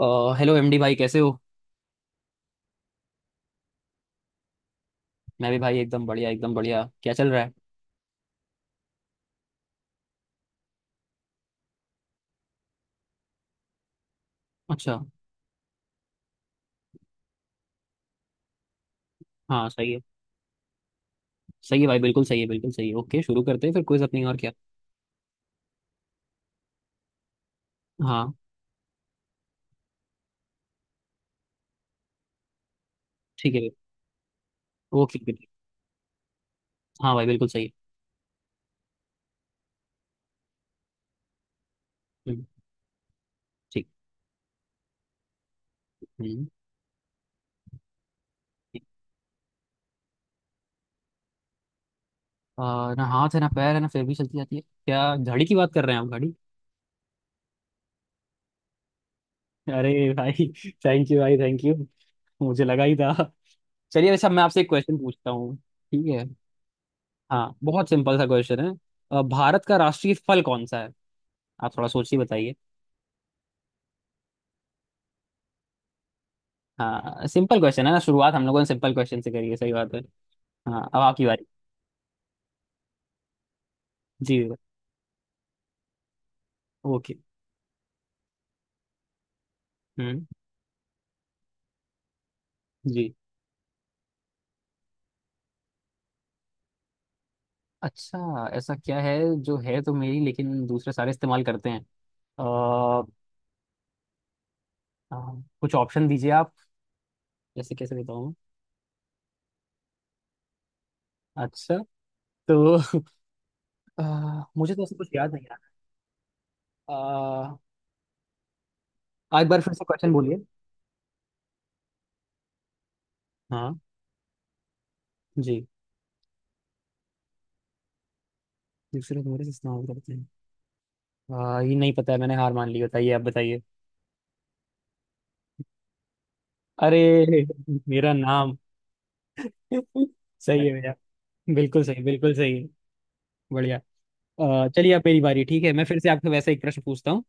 अ, hello MD भाई, कैसे हो? मैं भी भाई, एकदम बढ़िया एकदम बढ़िया। क्या चल रहा है? अच्छा। हाँ, सही है। सही है भाई, बिल्कुल सही है, बिल्कुल सही है। ओके, शुरू करते हैं फिर क्विज अपनी। और क्या? हाँ। ठीक है भाई। ओके ओके, ठीक। हाँ भाई, बिल्कुल सही है। हम्म, ठीक। हम्म, ठीक। अ, ना हाथ है, ना पैर है, ना फिर भी चलती जाती है। क्या घड़ी की बात कर रहे हैं आप? घड़ी। अरे भाई! थैंक यू भाई, थैंक यू। मुझे लगा ही था। चलिए, वैसे अब मैं आपसे एक क्वेश्चन पूछता हूँ, ठीक है? हाँ, बहुत सिंपल सा क्वेश्चन है। भारत का राष्ट्रीय फल कौन सा है? आप थोड़ा सोचिए, बताइए। हाँ, सिंपल क्वेश्चन है ना। शुरुआत हम लोगों ने सिंपल क्वेश्चन से करी है, सही बात है। हाँ, अब आपकी बारी। जी। ओके। हम्म। जी। अच्छा, ऐसा क्या है? जो है तो मेरी, लेकिन दूसरे सारे इस्तेमाल करते हैं। अ, कुछ ऑप्शन दीजिए आप। जैसे कैसे बताऊँ? अच्छा। तो अ, मुझे तो ऐसा कुछ याद नहीं आ रहा। एक बार फिर से क्वेश्चन बोलिए। हाँ। जी। दूसरे तुम्हारे से इस्तेमाल करते हैं। ये नहीं पता है, मैंने हार मान ली। बताइए, आप बताइए। अरे! मेरा नाम। सही है, मेरा। बिल्कुल सही, बिल्कुल सही। बढ़िया। चलिए, अब मेरी बारी। ठीक है, मैं फिर से आपसे वैसा एक प्रश्न पूछता हूँ।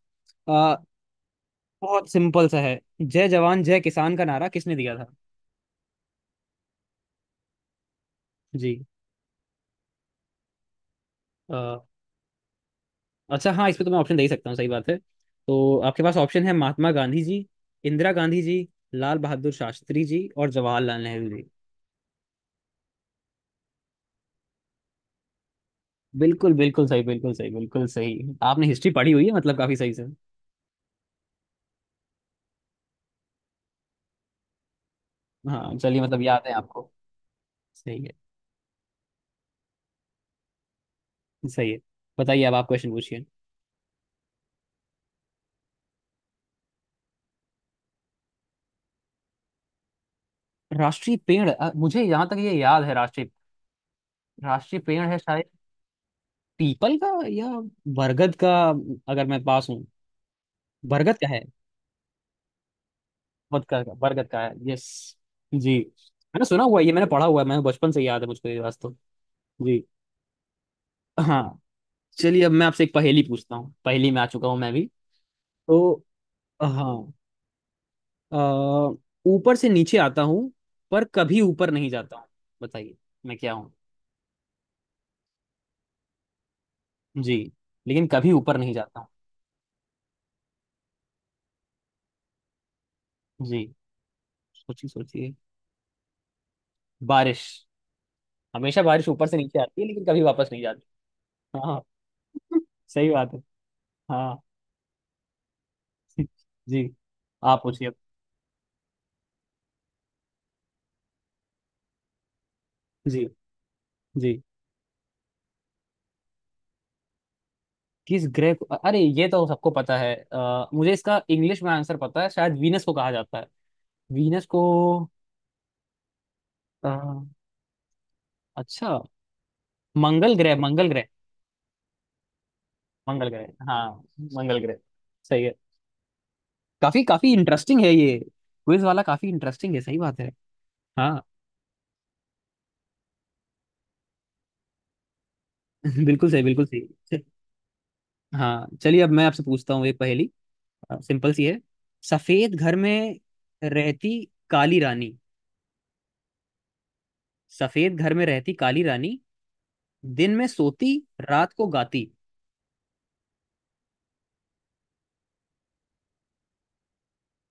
अ, बहुत सिंपल सा है। जय जवान जय किसान का नारा किसने दिया था? जी। अ, अच्छा, हाँ, इस पे तो मैं ऑप्शन दे ही सकता हूँ, सही बात है। तो आपके पास ऑप्शन है: महात्मा गांधी जी, इंदिरा गांधी जी, लाल बहादुर शास्त्री जी और जवाहरलाल नेहरू जी। बिल्कुल, बिल्कुल सही, बिल्कुल सही, बिल्कुल सही। आपने हिस्ट्री पढ़ी हुई है मतलब, काफी सही से। हाँ, चलिए मतलब याद है आपको। सही है। सही है। बताइए, अब आप क्वेश्चन पूछिए। राष्ट्रीय पेड़। मुझे यहाँ तक ये याद है। राष्ट्रीय राष्ट्रीय पेड़ है शायद, पीपल का या बरगद का। अगर मैं पास हूँ। बरगद का है। बरगद का, बरगद का है। यस। जी, मैंने सुना हुआ है ये, मैंने पढ़ा हुआ है, मैंने बचपन से याद है मुझको ये वास्तव। जी। हाँ, चलिए अब मैं आपसे एक पहेली पूछता हूँ। पहेली में आ चुका हूँ मैं भी तो। हाँ। अ, ऊपर से नीचे आता हूँ, पर कभी ऊपर नहीं जाता हूँ। बताइए, मैं क्या हूँ? जी। लेकिन कभी ऊपर नहीं जाता हूँ। जी। सोचिए, सोचिए। बारिश। हमेशा बारिश ऊपर से नीचे आती है, लेकिन कभी वापस नहीं जाती। हाँ। सही बात है। हाँ। जी। आप पूछिए अब। जी, जी। किस ग्रह को? अरे, ये तो सबको पता है। मुझे इसका इंग्लिश में आंसर पता है शायद। वीनस को कहा जाता है। वीनस को। अ, अच्छा। मंगल ग्रह, मंगल ग्रह। मंगल ग्रह। हाँ, मंगल ग्रह। सही है। काफी काफी इंटरेस्टिंग है ये। क्विज वाला काफी इंटरेस्टिंग है, सही बात है। हाँ। बिल्कुल सही, बिल्कुल सही। हाँ, चलिए अब मैं आपसे पूछता हूँ एक पहेली। सिंपल सी है। सफेद घर में रहती काली रानी। सफेद घर में रहती काली रानी। दिन में सोती, रात को गाती।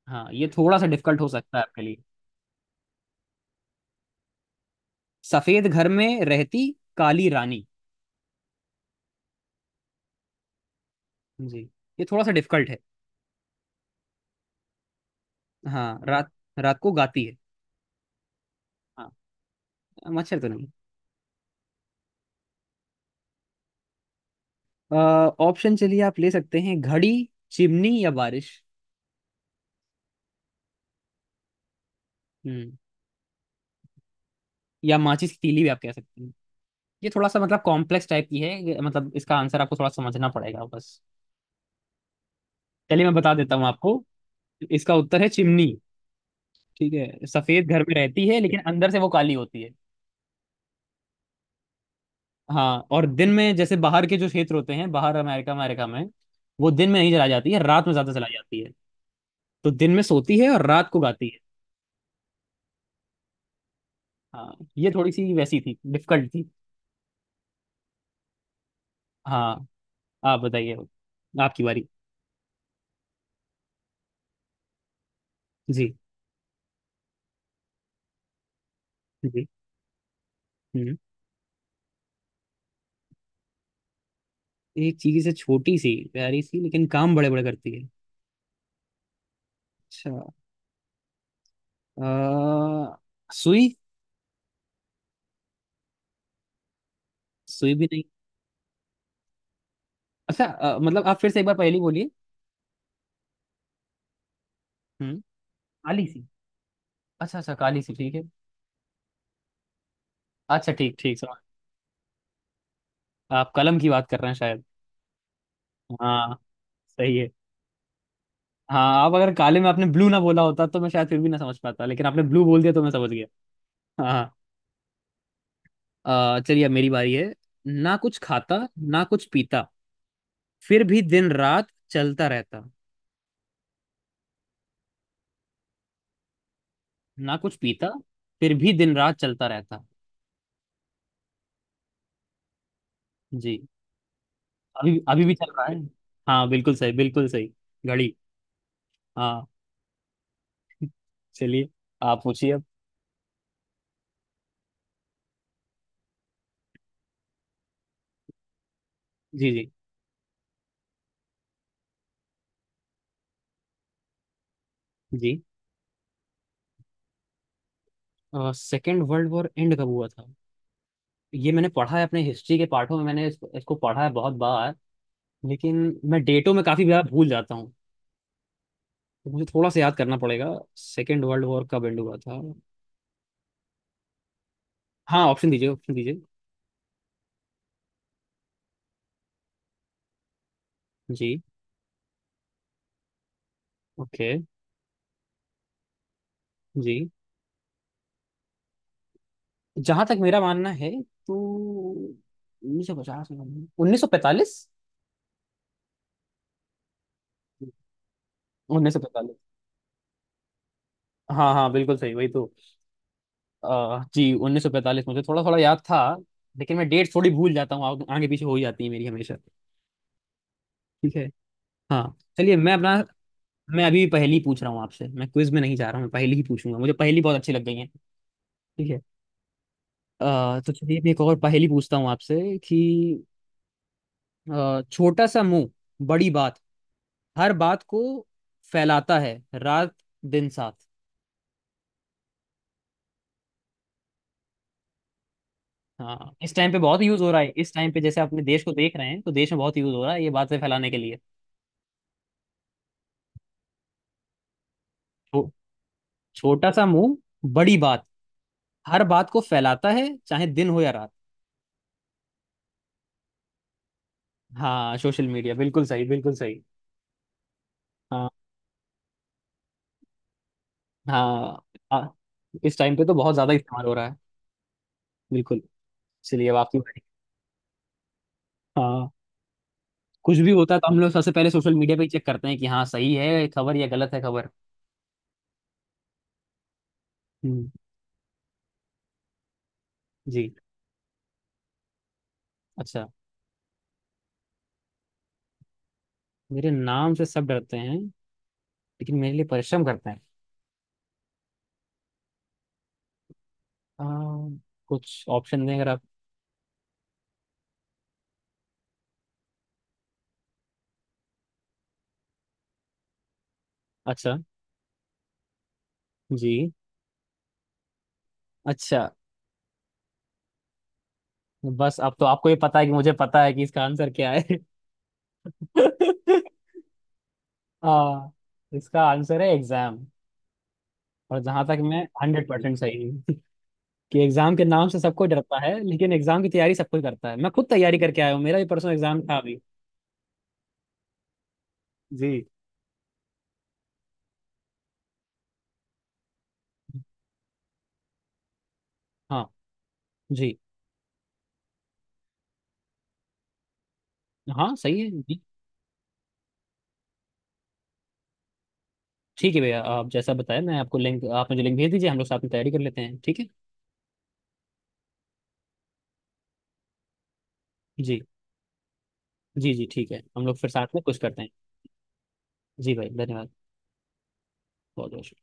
हाँ, ये थोड़ा सा डिफिकल्ट हो सकता है आपके लिए। सफेद घर में रहती काली रानी। जी। ये थोड़ा सा डिफिकल्ट है। हाँ, रात। रात को गाती है। हाँ, मच्छर तो नहीं। ऑप्शन चलिए आप ले सकते हैं: घड़ी, चिमनी या बारिश। हम्म। या माचिस की तीली भी आप कह सकते हैं। ये थोड़ा सा मतलब कॉम्प्लेक्स टाइप की है ये, मतलब इसका आंसर आपको थोड़ा समझना पड़ेगा बस। चलिए, मैं बता देता हूँ आपको। इसका उत्तर है चिमनी। ठीक है, सफेद घर में रहती है लेकिन अंदर से वो काली होती है। हाँ, और दिन में जैसे बाहर के जो क्षेत्र होते हैं, बाहर अमेरिका अमेरिका में वो दिन में नहीं जलाई जाती है, रात में ज्यादा जलाई जाती है। तो दिन में सोती है और रात को गाती है। हाँ, ये थोड़ी सी वैसी थी, डिफिकल्ट थी। हाँ, आप बताइए। आपकी बारी। जी, जी। हम्म। एक चीज से, छोटी सी, प्यारी सी, लेकिन काम बड़े बड़े करती है। अच्छा। अ, सुई। सुई भी नहीं। अच्छा, मतलब आप फिर से एक बार पहेली बोलिए। हम्म। काली सी। अच्छा अच्छा, काली सी, ठीक है। अच्छा, ठीक ठीक समझ। आप कलम की बात कर रहे हैं शायद? हाँ। सही है। हाँ। आप अगर काले में आपने ब्लू ना बोला होता तो मैं शायद फिर भी ना समझ पाता, लेकिन आपने ब्लू बोल दिया तो मैं समझ गया। हाँ। हाँ। चलिए अब मेरी बारी है। ना कुछ खाता, ना कुछ पीता, फिर भी दिन रात चलता रहता। ना कुछ पीता, फिर भी दिन रात चलता रहता। जी। अभी अभी भी चल रहा है। हाँ, बिल्कुल सही, बिल्कुल सही। घड़ी। हाँ। चलिए। आप पूछिए अब। जी, जी। जी। सेकेंड वर्ल्ड वॉर एंड कब हुआ था? ये मैंने पढ़ा है अपने हिस्ट्री के पाठों में, मैंने इसको पढ़ा है बहुत बार। लेकिन मैं डेटों में काफी बार भूल जाता हूँ। तो मुझे थोड़ा सा याद करना पड़ेगा। सेकेंड वर्ल्ड वॉर कब एंड हुआ था? हाँ, ऑप्शन दीजिए, ऑप्शन दीजिए। जी। ओके। जी। जहां तक मेरा मानना है, तो 1950 में, 1945। 1945। हाँ हाँ, बिल्कुल सही, वही तो। जी, 1945 मुझे थोड़ा थोड़ा याद था। लेकिन मैं डेट थोड़ी भूल जाता हूँ, आगे पीछे हो ही जाती है मेरी हमेशा। ठीक है। हाँ, चलिए मैं अपना। मैं अभी पहेली पूछ रहा हूँ आपसे। मैं क्विज में नहीं जा रहा हूँ, मैं पहेली ही पूछूंगा। मुझे पहेली बहुत अच्छी लग गई है। ठीक है। तो चलिए, मैं एक और पहेली पूछता हूँ आपसे कि छोटा सा मुंह, बड़ी बात। हर बात को फैलाता है रात दिन साथ। हाँ, इस टाइम पे बहुत यूज हो रहा है। इस टाइम पे जैसे अपने देश को देख रहे हैं, तो देश में बहुत यूज हो रहा है ये बातें फैलाने के लिए। तो छोटा सा मुंह, बड़ी बात। हर बात को फैलाता है चाहे दिन हो या रात। हाँ, सोशल मीडिया। बिल्कुल सही, बिल्कुल सही। हाँ। हाँ। आ, इस टाइम पे तो बहुत ज्यादा इस्तेमाल हो रहा है। बिल्कुल। चलिए, अब आपकी बारी। हाँ, कुछ भी होता है तो हम लोग सबसे पहले सोशल मीडिया पे ही चेक करते हैं कि हाँ सही है खबर या गलत है खबर। हम्म। जी। अच्छा। मेरे नाम से सब डरते हैं, लेकिन मेरे लिए परिश्रम करते हैं। आ, कुछ ऑप्शन दें अगर आप। अच्छा। जी। अच्छा। बस अब तो आपको ये पता है कि मुझे पता है कि इसका आंसर क्या है। हाँ, इसका आंसर है एग्जाम। और जहां तक मैं 100% सही हूँ कि एग्जाम के नाम से सबको डरता है, लेकिन एग्जाम की तैयारी सब कोई करता है। मैं खुद तैयारी करके आया हूँ, मेरा भी परसों एग्जाम था अभी। जी। हाँ। जी। हाँ सही है जी। ठीक है भैया, आप जैसा बताया। मैं आपको लिंक, आप मुझे लिंक भेज दीजिए, हम लोग साथ में तैयारी कर लेते हैं, ठीक है? जी। जी, जी, ठीक है, हम लोग फिर साथ में कुछ करते हैं। जी भाई, धन्यवाद। बहुत बहुत।